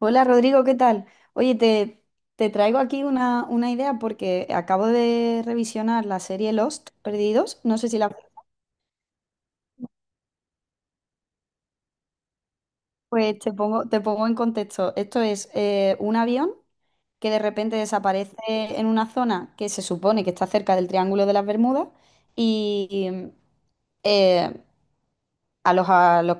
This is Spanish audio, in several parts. Hola Rodrigo, ¿qué tal? Oye, te, te traigo aquí una idea porque acabo de revisionar la serie Lost, Perdidos. No sé si la... Pues te pongo en contexto. Esto es un avión que de repente desaparece en una zona que se supone que está cerca del Triángulo de las Bermudas y, eh, a los, a los-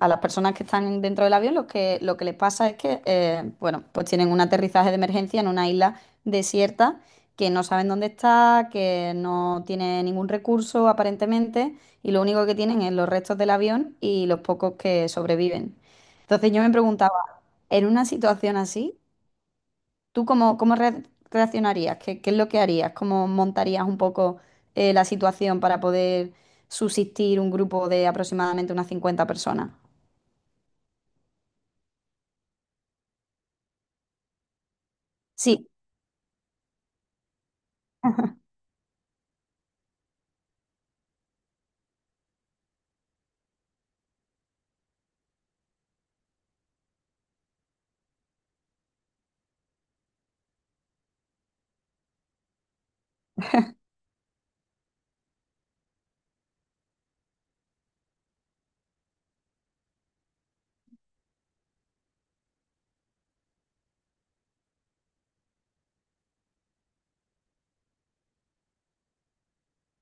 a las personas que están dentro del avión, lo que les pasa es que, bueno, pues tienen un aterrizaje de emergencia en una isla desierta que no saben dónde está, que no tiene ningún recurso aparentemente, y lo único que tienen es los restos del avión y los pocos que sobreviven. Entonces yo me preguntaba, en una situación así, ¿tú reaccionarías? ¿Qué es lo que harías? ¿Cómo montarías un poco la situación para poder subsistir un grupo de aproximadamente unas 50 personas? Sí,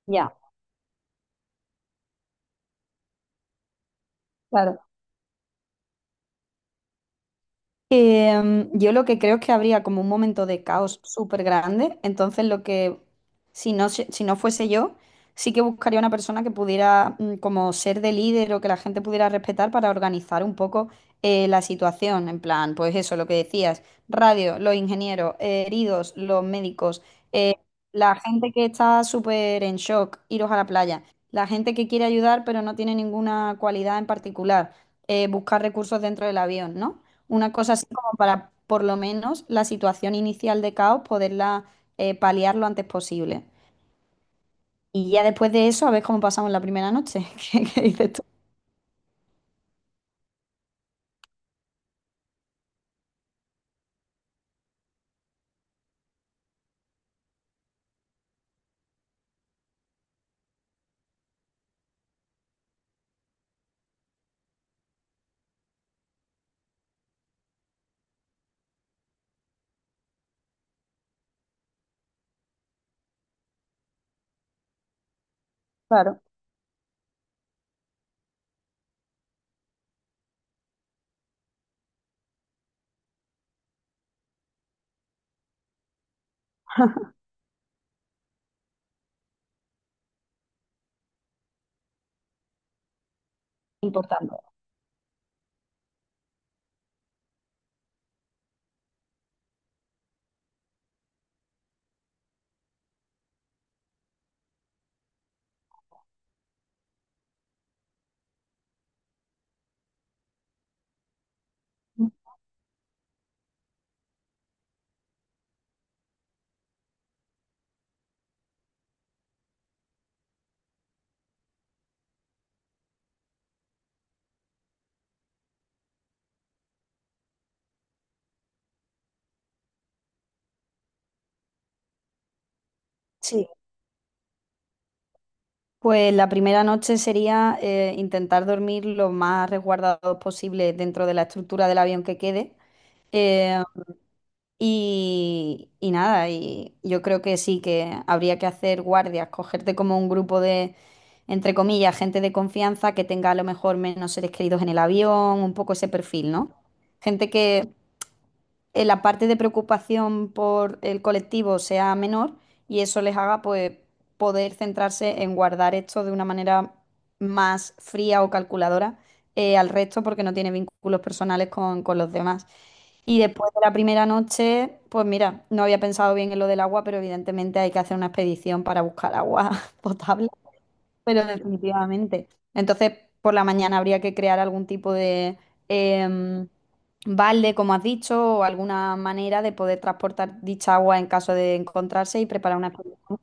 ya. Claro. Yo lo que creo es que habría como un momento de caos súper grande, entonces lo que, si no fuese yo, sí que buscaría una persona que pudiera como ser de líder o que la gente pudiera respetar para organizar un poco la situación, en plan, pues eso, lo que decías, radio, los ingenieros, heridos, los médicos, eh, la gente que está súper en shock, iros a la playa, la gente que quiere ayudar pero no tiene ninguna cualidad en particular, buscar recursos dentro del avión, ¿no? Una cosa así como para, por lo menos, la situación inicial de caos, poderla paliar lo antes posible. Y ya después de eso, a ver cómo pasamos la primera noche. ¿Qué dices tú? Claro, importante. Sí. Pues la primera noche sería intentar dormir lo más resguardado posible dentro de la estructura del avión que quede. Eh, y nada, y yo creo que sí, que habría que hacer guardias, cogerte como un grupo de, entre comillas, gente de confianza que tenga a lo mejor menos seres queridos en el avión, un poco ese perfil, ¿no? Gente que en la parte de preocupación por el colectivo sea menor y eso les haga pues poder centrarse en guardar esto de una manera más fría o calculadora al resto porque no tiene vínculos personales con los demás. Y después de la primera noche, pues mira, no había pensado bien en lo del agua, pero evidentemente hay que hacer una expedición para buscar agua potable, pero definitivamente. Entonces, por la mañana habría que crear algún tipo de em, balde, como has dicho, o alguna manera de poder transportar dicha agua en caso de encontrarse y preparar una expedición.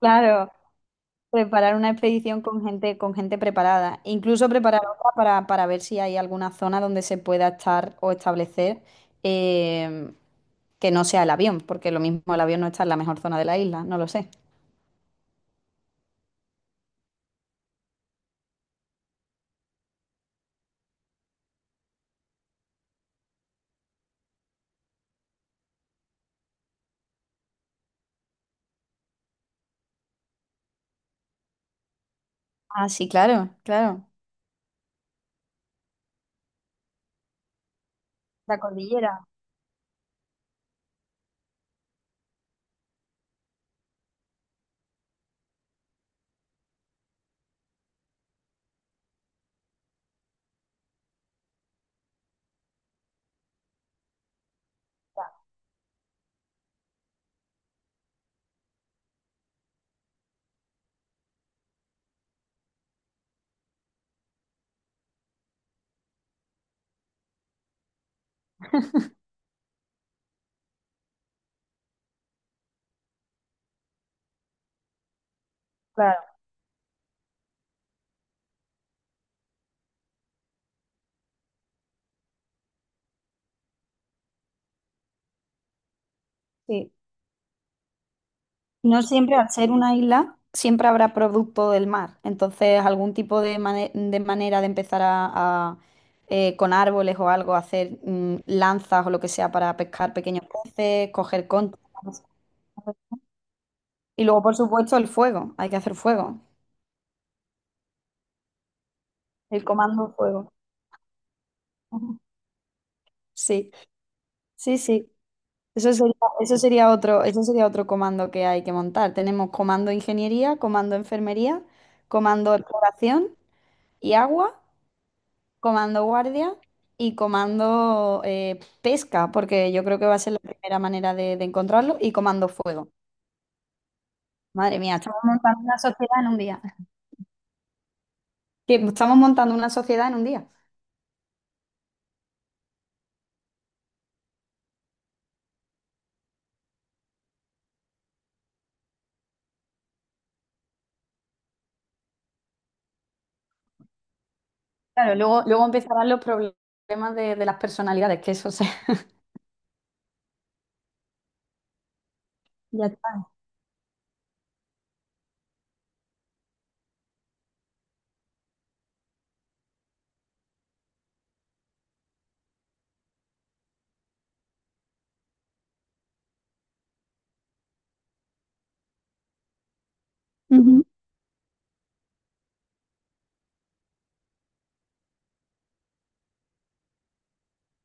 Claro, preparar una expedición con gente preparada. Incluso preparar otra para ver si hay alguna zona donde se pueda estar o establecer eh, que no sea el avión, porque lo mismo el avión no está en la mejor zona de la isla, no lo sé. Ah, sí, claro, claro. La cordillera, claro. Sí. No siempre, al ser una isla, siempre habrá producto del mar. Entonces, algún tipo de, de manera de empezar con árboles o algo, hacer lanzas o lo que sea para pescar pequeños peces, coger conchas. Y luego, por supuesto, el fuego. Hay que hacer fuego. El comando fuego. Ujú. Sí, sí, sí. Eso sería, eso sería otro comando que hay que montar. Tenemos comando ingeniería, comando enfermería, comando exploración y agua. Comando guardia y comando pesca, porque yo creo que va a ser la primera manera de encontrarlo, y comando fuego. Madre mía, estamos montando una sociedad en un día. Que estamos montando una sociedad en un día. Claro, luego empezarán los problemas de las personalidades, que eso se... Ya está. Ujú.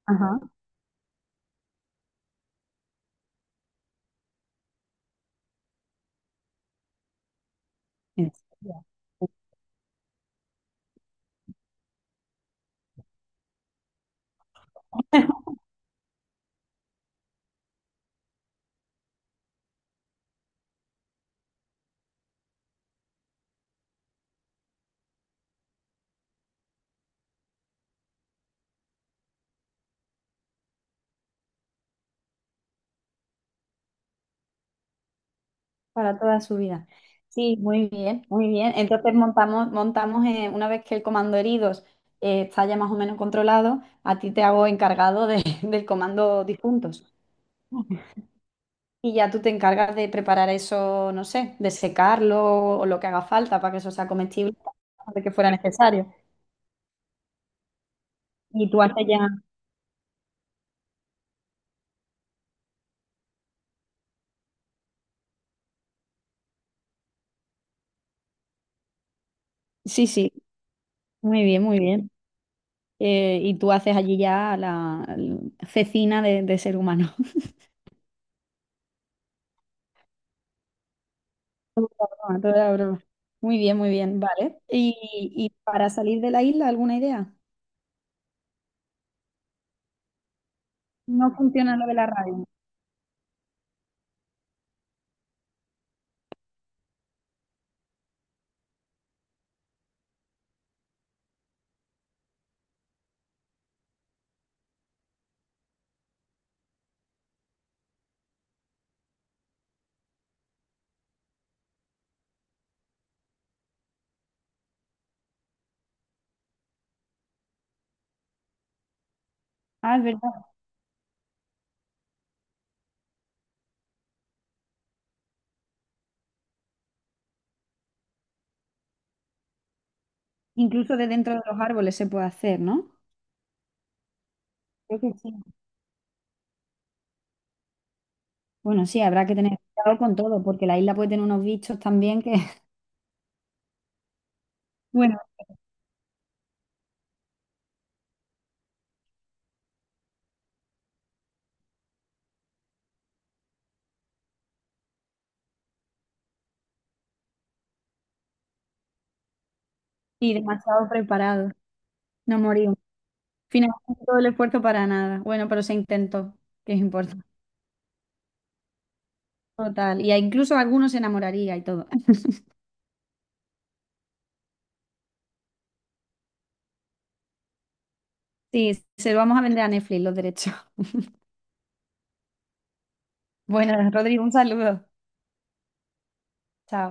Ajá. En serio. Para toda su vida. Sí, muy bien, muy bien. Entonces montamos una vez que el comando heridos está ya más o menos controlado, a ti te hago encargado de- del comando difuntos. Y ya tú te encargas de preparar eso, no sé, de secarlo o lo que haga falta para que eso sea comestible, de que fuera necesario. Y tú haces ya... Sí, sí, muy bien, muy bien. Y tú haces allí ya la cecina de ser humano. Ah, toda broma. Muy bien, vale. Y para salir de la isla, alguna idea? No funciona lo de la radio. Ah, es verdad. Incluso de dentro de los árboles se puede hacer, ¿no? Creo que sí. Bueno, sí, habrá que tener cuidado con todo, porque la isla puede tener unos bichos también que, bueno, y demasiado preparados. No morimos. Finalmente todo el esfuerzo para nada. Bueno, pero se intentó, que es importante. Total. Y a- incluso algunos se enamoraría y todo. Sí, se lo vamos a vender a Netflix los derechos. Bueno, Rodrigo, un saludo. Chao.